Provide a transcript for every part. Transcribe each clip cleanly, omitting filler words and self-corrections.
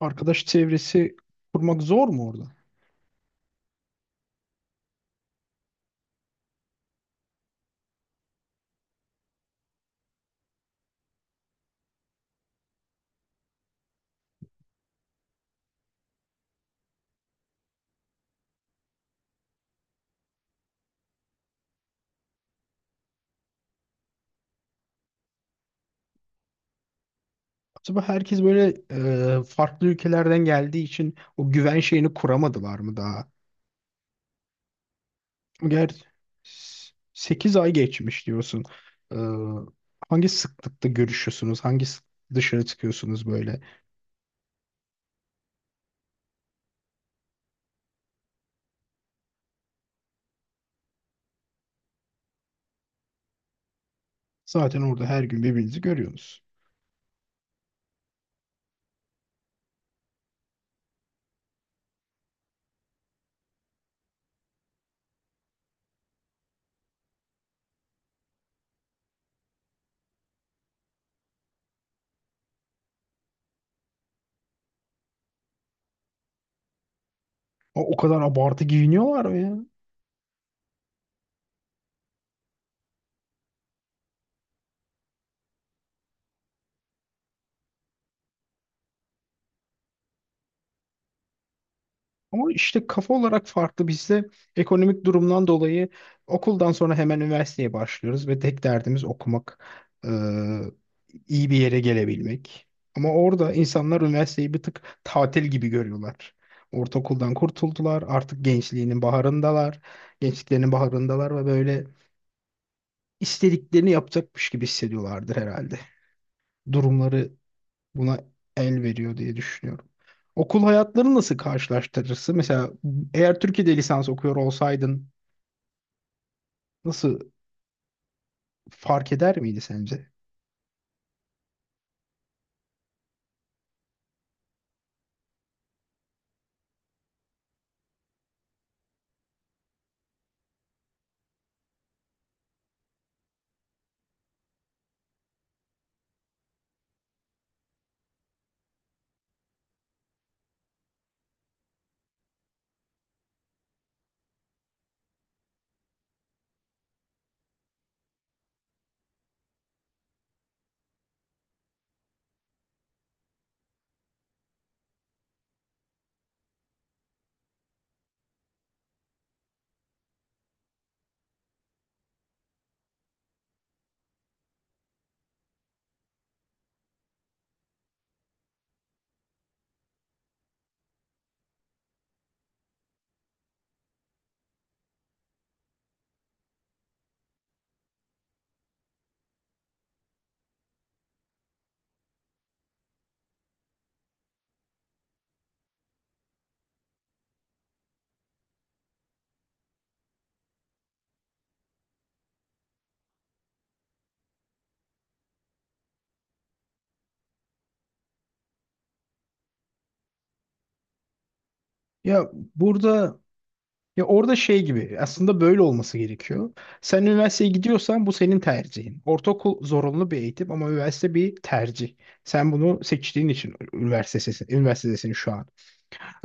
Arkadaş çevresi kurmak zor mu orada? Acaba herkes böyle farklı ülkelerden geldiği için o güven şeyini kuramadılar mı daha? Ger Sekiz ay geçmiş diyorsun. E, Hangi sıklıkta görüşüyorsunuz? Hangi sıklıkta dışarı çıkıyorsunuz böyle? Zaten orada her gün birbirinizi görüyorsunuz. O kadar abartı giyiniyorlar mı ya? Ama işte kafa olarak farklı. Bizde ekonomik durumdan dolayı okuldan sonra hemen üniversiteye başlıyoruz ve tek derdimiz okumak, e, iyi bir yere gelebilmek. Ama orada insanlar üniversiteyi bir tık tatil gibi görüyorlar. Ortaokuldan kurtuldular, artık gençliğinin baharındalar, gençliklerinin baharındalar ve böyle istediklerini yapacakmış gibi hissediyorlardır herhalde. Durumları buna el veriyor diye düşünüyorum. Okul hayatlarını nasıl karşılaştırırsın? Mesela eğer Türkiye'de lisans okuyor olsaydın nasıl fark eder miydi sence? Ya burada, ya orada şey gibi, aslında böyle olması gerekiyor. Sen üniversiteye gidiyorsan bu senin tercihin. Ortaokul zorunlu bir eğitim ama üniversite bir tercih. Sen bunu seçtiğin için üniversitedesin şu an.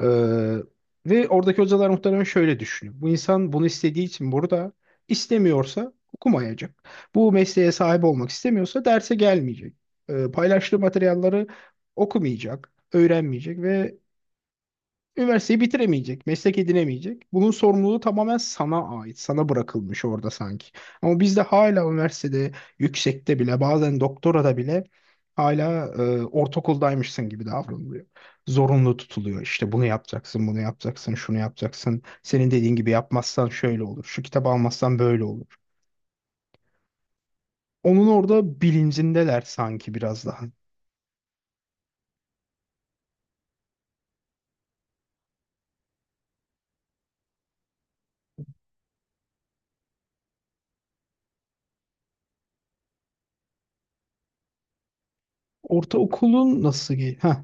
Ee, Ve oradaki hocalar muhtemelen şöyle düşünüyor: bu insan bunu istediği için burada, istemiyorsa okumayacak. Bu mesleğe sahip olmak istemiyorsa derse gelmeyecek. Paylaştığı materyalleri okumayacak, öğrenmeyecek ve üniversiteyi bitiremeyecek, meslek edinemeyecek. Bunun sorumluluğu tamamen sana ait, sana bırakılmış orada sanki. Ama bizde hala üniversitede, yüksekte bile, bazen doktorada bile hala ortaokuldaymışsın gibi davranılıyor. Zorunlu tutuluyor. İşte bunu yapacaksın, bunu yapacaksın, şunu yapacaksın. Senin dediğin gibi yapmazsan şöyle olur, şu kitabı almazsan böyle olur. Onun orada bilincindeler sanki biraz daha. Ortaokulun nasıl? Heh.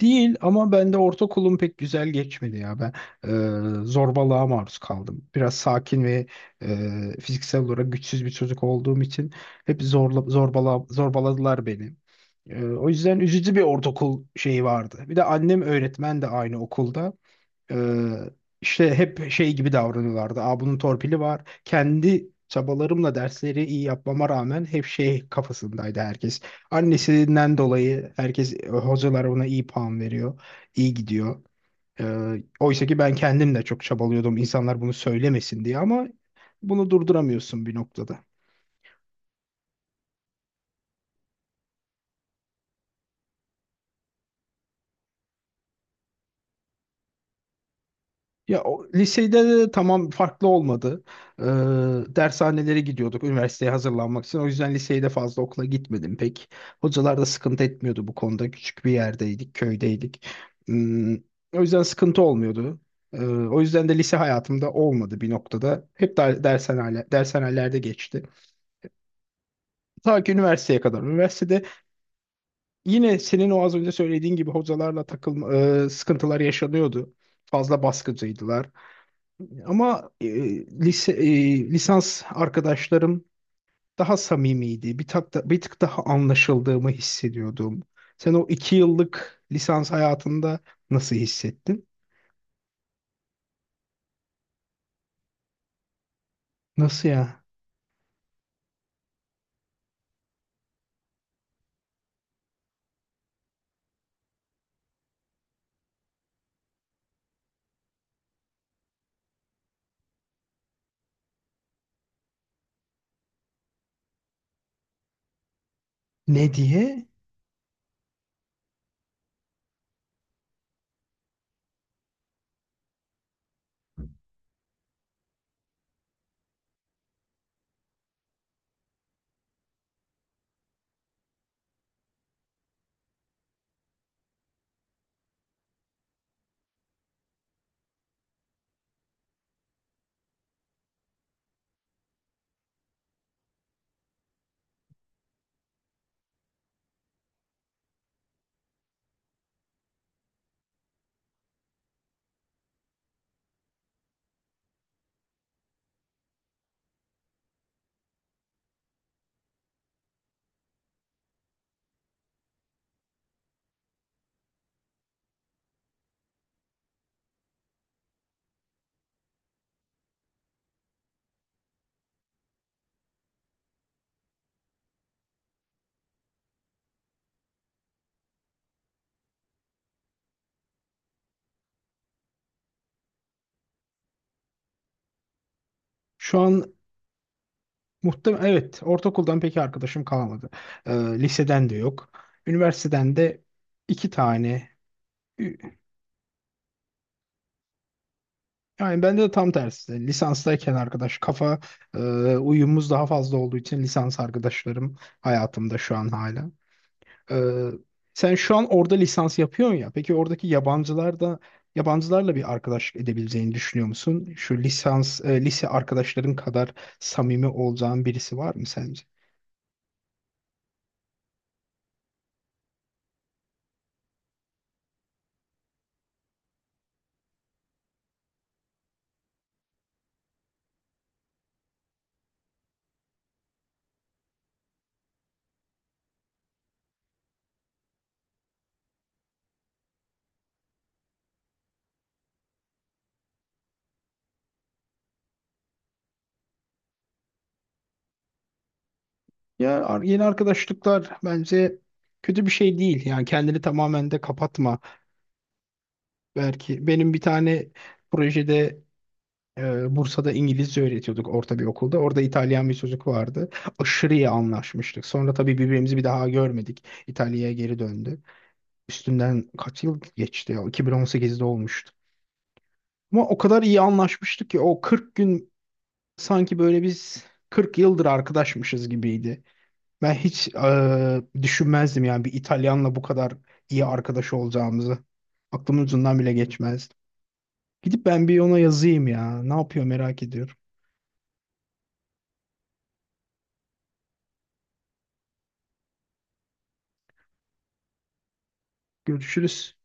Değil, ama ben de ortaokulum pek güzel geçmedi ya. Ben zorbalığa maruz kaldım. Biraz sakin ve fiziksel olarak güçsüz bir çocuk olduğum için hep zorbaladılar beni. E, o yüzden üzücü bir ortaokul şeyi vardı. Bir de annem öğretmen de aynı okulda. Ee, işte hep şey gibi davranıyorlardı. Aa, bunun torpili var. Kendi çabalarımla dersleri iyi yapmama rağmen hep şey kafasındaydı herkes. Annesinden dolayı herkes, hocalar ona iyi puan veriyor, iyi gidiyor. Oysa ki ben kendim de çok çabalıyordum insanlar bunu söylemesin diye, ama bunu durduramıyorsun bir noktada. Ya, o lisede de tamam farklı olmadı. Ee, Dershanelere gidiyorduk üniversiteye hazırlanmak için. O yüzden liseyi de fazla okula gitmedim pek. Hocalar da sıkıntı etmiyordu bu konuda. Küçük bir yerdeydik, köydeydik. Hmm, o yüzden sıkıntı olmuyordu. O yüzden de lise hayatımda olmadı bir noktada. Hep dershanelerde geçti. Ta ki üniversiteye kadar. Üniversitede yine senin o az önce söylediğin gibi hocalarla takılma, sıkıntılar yaşanıyordu. Fazla baskıcıydılar. Ama lisans arkadaşlarım daha samimiydi. Bir tık daha anlaşıldığımı hissediyordum. Sen o iki yıllık lisans hayatında nasıl hissettin? Nasıl ya? Ne diye? Şu an muhtemelen evet, ortaokuldan pek arkadaşım kalmadı. Ee, liseden de yok. Üniversiteden de iki tane. Ü- Yani bende de tam tersi. Lisanstayken arkadaş e, uyumumuz daha fazla olduğu için lisans arkadaşlarım hayatımda şu an hala. Ee, Sen şu an orada lisans yapıyorsun ya. Peki oradaki yabancılar da yabancılarla bir arkadaşlık edebileceğini düşünüyor musun? Şu lise arkadaşların kadar samimi olacağın birisi var mı sence? Yeni arkadaşlıklar bence kötü bir şey değil. Yani kendini tamamen de kapatma. Belki benim bir tane projede, Bursa'da İngilizce öğretiyorduk orta bir okulda. Orada İtalyan bir çocuk vardı. Aşırı iyi anlaşmıştık. Sonra tabii birbirimizi bir daha görmedik. İtalya'ya geri döndü. Üstünden kaç yıl geçti ya? 2018'de olmuştu. Ama o kadar iyi anlaşmıştık ki o 40 gün sanki böyle biz 40 yıldır arkadaşmışız gibiydi. Ben hiç düşünmezdim yani bir İtalyanla bu kadar iyi arkadaş olacağımızı. Aklımın ucundan bile geçmezdi. Gidip ben bir ona yazayım ya. Ne yapıyor merak ediyorum. Görüşürüz.